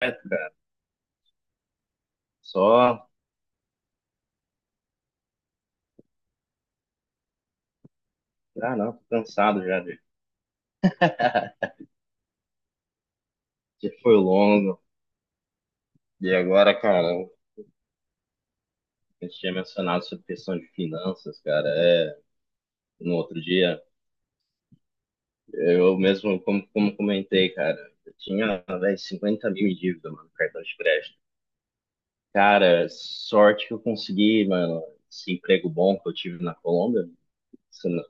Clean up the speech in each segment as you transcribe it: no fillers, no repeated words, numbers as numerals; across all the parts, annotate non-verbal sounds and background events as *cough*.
Certo, cara. Só. Ah, não, tô cansado já de. *laughs* Que foi longo. E agora, cara, a gente tinha mencionado sobre questão de finanças, cara. É, no outro dia, eu mesmo, como comentei, cara, eu tinha, velho, 50 mil em dívida, mano, no cartão de crédito. Cara, sorte que eu consegui, mano, esse emprego bom que eu tive na Colômbia. Se não-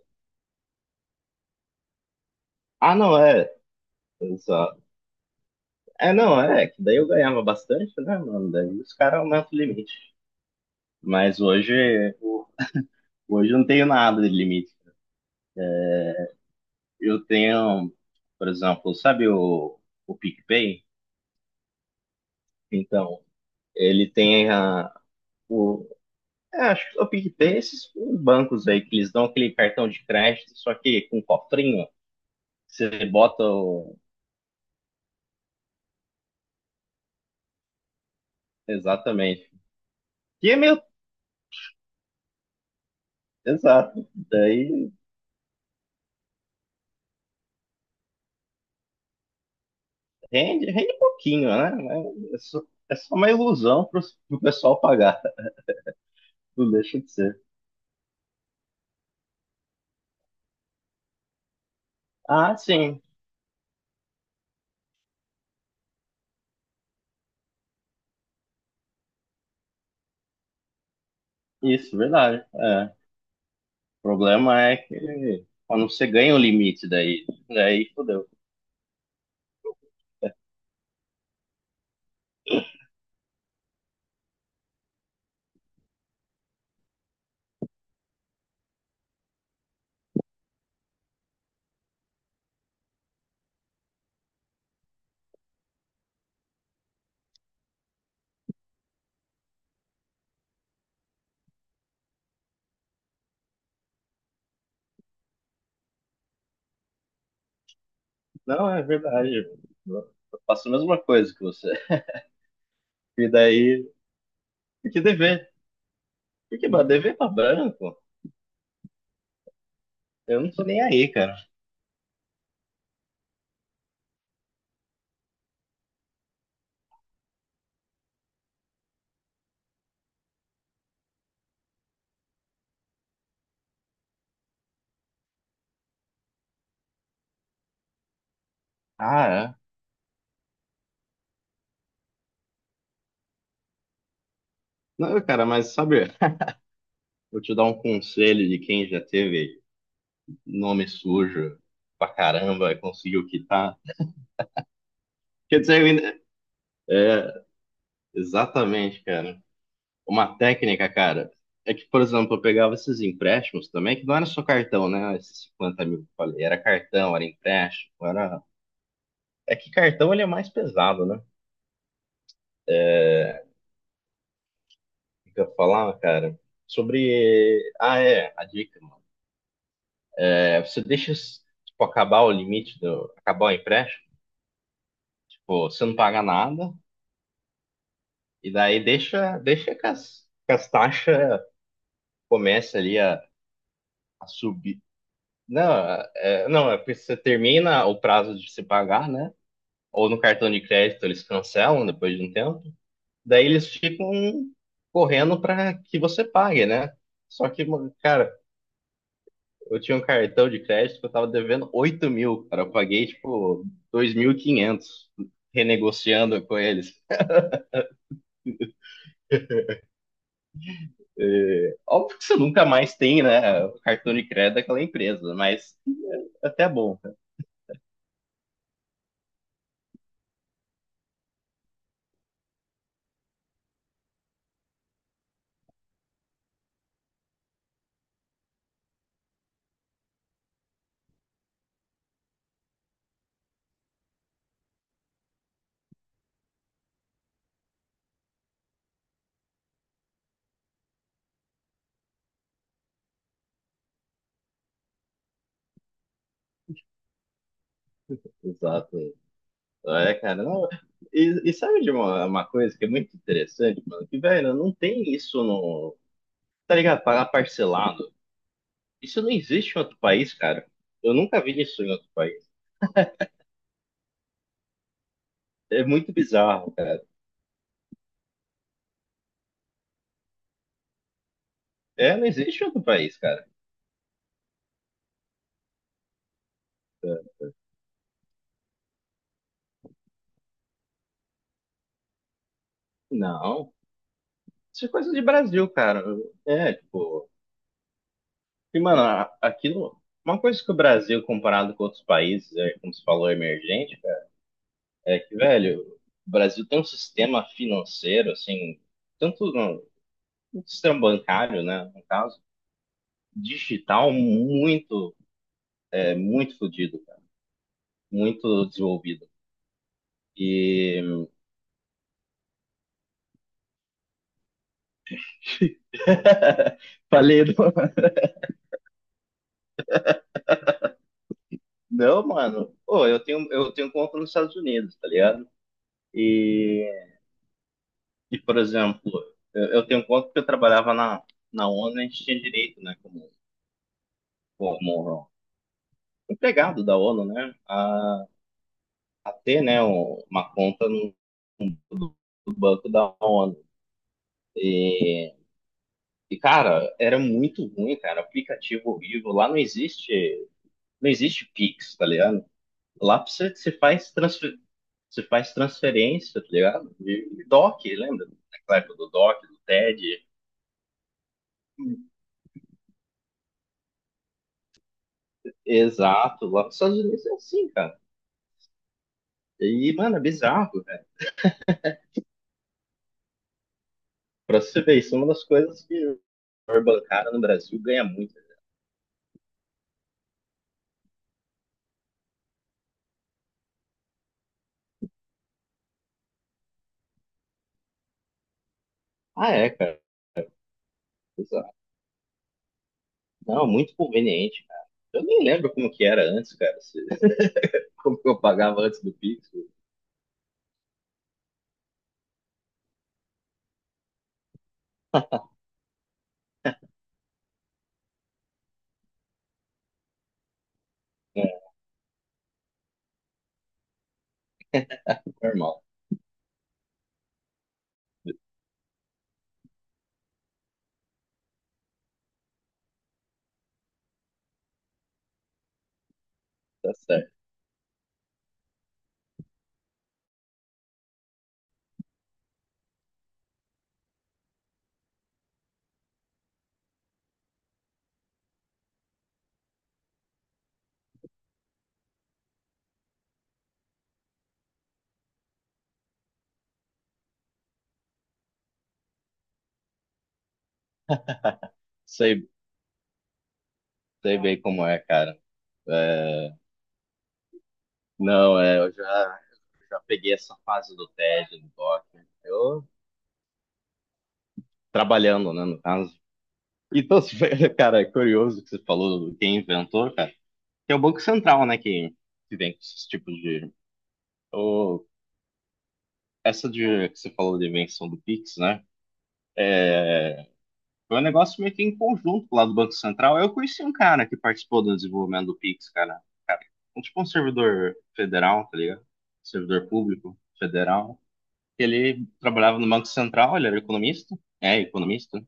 Ah, não, é. Só. É, não, é, que daí eu ganhava bastante, né, mano? Daí os caras aumentam o limite. Mas hoje. Hoje eu não tenho nada de limite. Eu tenho, por exemplo, sabe o PicPay? Então, ele tem a, o. É, acho que o PicPay, esses bancos aí que eles dão aquele cartão de crédito, só que com um cofrinho, você bota o. Exatamente. Que é meio. Exato. Daí rende, rende pouquinho, né? Mas É só, é só uma ilusão para o pessoal pagar. *laughs* Não deixa de ser. Ah, sim. Isso, verdade. É. O problema é que quando você ganha o limite daí fodeu. Não, é verdade. Eu faço a mesma coisa que você. E daí, tem que dever. Porque, mano, dever pra branco, eu não tô nem aí, cara. Ah, é. Não, cara, mas sabe, vou te dar um conselho de quem já teve nome sujo pra caramba e conseguiu quitar. Quer dizer, é, exatamente, cara. Uma técnica, cara, é que, por exemplo, eu pegava esses empréstimos também, que não era só cartão, né? Esses 50 mil que eu falei, era cartão, era empréstimo, era. É que cartão ele é mais pesado, né? É. O que que eu ia, cara? Sobre. Ah, é, a dica, mano. É, você deixa tipo, acabar o limite do, acabar o empréstimo, tipo, você não paga nada, e daí deixa, deixa que as taxas comecem ali a subir. Não, é, não, é porque você termina o prazo de se pagar, né? Ou no cartão de crédito eles cancelam depois de um tempo, daí eles ficam correndo para que você pague, né? Só que, mano, cara, eu tinha um cartão de crédito que eu tava devendo 8 mil, cara, eu paguei tipo 2.500 renegociando com eles. É, óbvio que você nunca mais tem, né, o cartão de crédito daquela empresa, mas é até bom, cara. Exato. É, cara, não, e sabe de uma coisa que é muito interessante, mano? Que, velho, não tem isso no, tá ligado? Pagar parcelado. Isso não existe em outro país, cara. Eu nunca vi isso em outro país. É muito bizarro, cara. É, não existe em outro país, cara. Não. Isso é coisa de Brasil, cara. É, tipo. E, mano, aquilo. Uma coisa que o Brasil, comparado com outros países, é, como você falou, emergente, cara, é que, velho, o Brasil tem um sistema financeiro, assim, tanto no, sistema bancário, né, no caso, digital, muito, é, muito fodido, cara, muito desenvolvido. E *laughs* falei, do- não, mano, pô, eu tenho, conta nos Estados Unidos, tá ligado? E, e por exemplo, eu tenho conta que eu trabalhava na, ONU, a gente tinha direito, né, como, empregado da ONU, né, a ter, né, uma conta no, do do banco da ONU. E, e, cara, era muito ruim, cara, aplicativo horrível, lá não existe Pix, tá ligado? Lá você faz transferência, tá ligado? De DOC, lembra? Na época do DOC, do TED. Exato, lá nos Estados Unidos é assim, cara. E, mano, é bizarro, velho. Pra você ver, isso é uma das coisas que o setor bancário no Brasil ganha muito. Ah, é, cara. Exato. Não, muito conveniente, cara. Eu nem lembro como que era antes, cara. *laughs* Como que eu pagava antes do Pix. É, normal, tá certo. Sei, sei bem como é, cara. É, não, é, eu já peguei essa fase do TED, do DOC. Eu trabalhando, né, no caso. Então, se foi- *laughs* cara, é curioso que você falou do quem inventou, cara. Que é o Banco Central, né, que vem com esses tipos de. o- Essa de, que você falou de invenção do Pix, né? Foi um negócio meio que em conjunto lá do Banco Central. Eu conheci um cara que participou do desenvolvimento do Pix, cara. Um, tipo um servidor federal, tá ligado? Servidor público federal. Ele trabalhava no Banco Central, ele era economista. É, economista.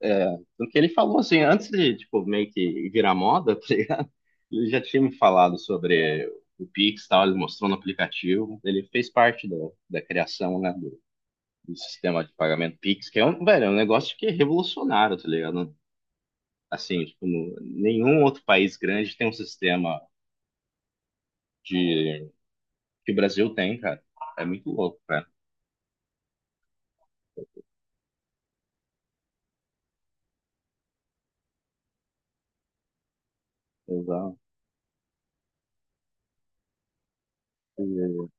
É, do que ele falou, assim, antes de, tipo, meio que virar moda, *laughs* tá ligado? Ele já tinha me falado sobre o Pix, e tal, ele mostrou no aplicativo, ele fez parte da criação, né, do sistema de pagamento Pix, que é um, velho, é um negócio que é revolucionário, tá ligado? Assim, tipo, nenhum outro país grande tem um sistema de, que o Brasil tem, cara. É muito louco, cara. Exato. E-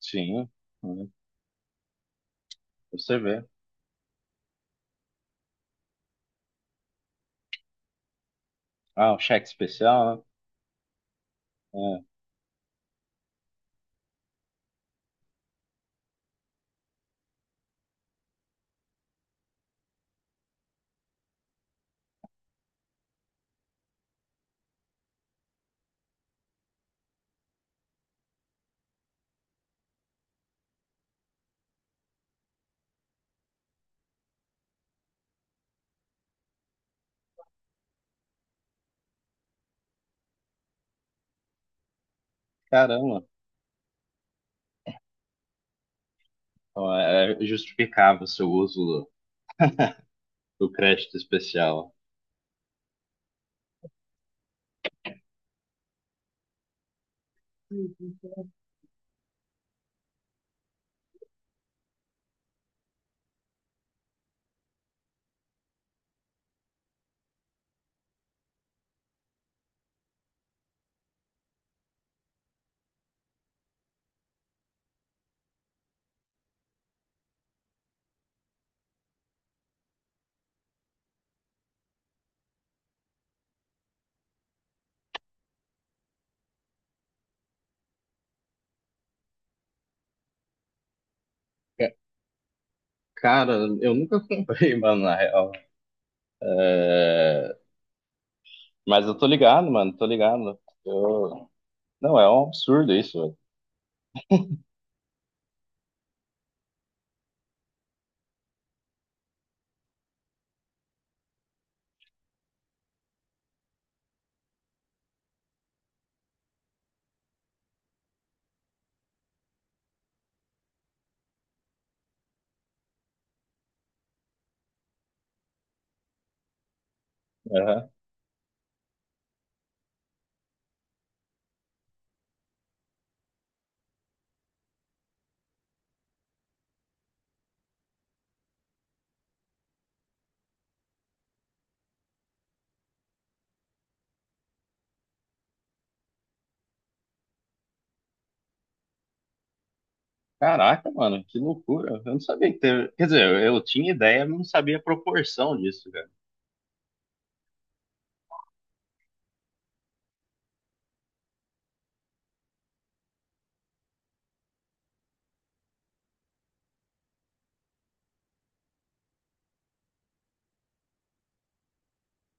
Sim, né? Você vê. Ah, o cheque especial, né? É, caramba. Ó, é justificava o seu uso do crédito especial. Ca- Cara, eu nunca comprei, *laughs* mano, na real. É, mas eu tô ligado, mano, tô ligado. Eu. Não, é um absurdo isso, velho. Aham. Caraca, mano, que loucura. Eu não sabia que teve. Quer dizer, eu tinha ideia, mas não sabia a proporção disso, cara.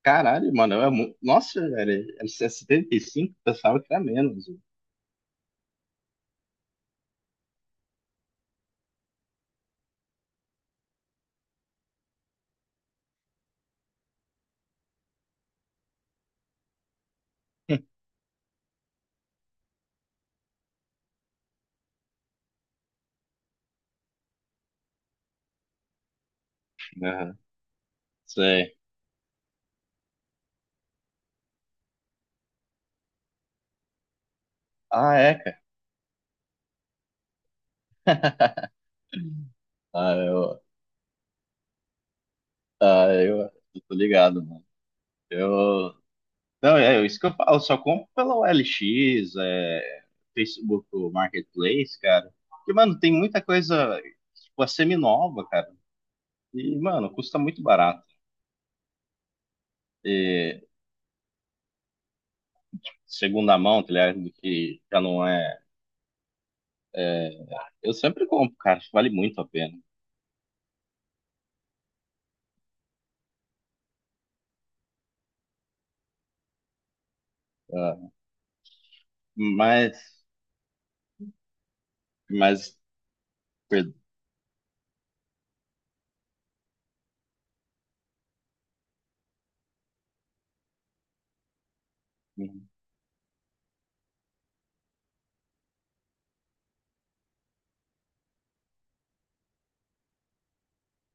Caralho, mano, é muito. Nossa, velho, é 75, pensava que era menos. *laughs* Aham, sei. Ah, é, cara. *laughs* Ah, ah, eu, eu tô ligado, mano. Eu, não, é isso que eu falo, só compro pela OLX Facebook Marketplace, cara. Porque, mano, tem muita coisa, tipo, a semi-nova, cara. E, mano, custa muito barato. E, segunda mão, tá ligado? Que já não é. é, Eu sempre compro, cara, acho que vale muito a pena. Ah, Mas, mas, per-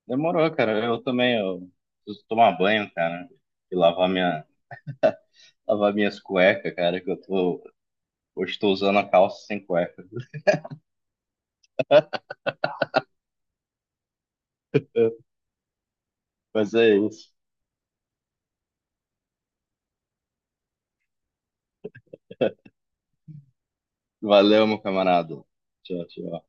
demorou, cara. Eu também, eu preciso tomar banho, cara, e lavar minhas cuecas, cara, hoje tô usando a calça sem cueca. Mas é isso. Valeu, meu camarada. Tchau, tchau.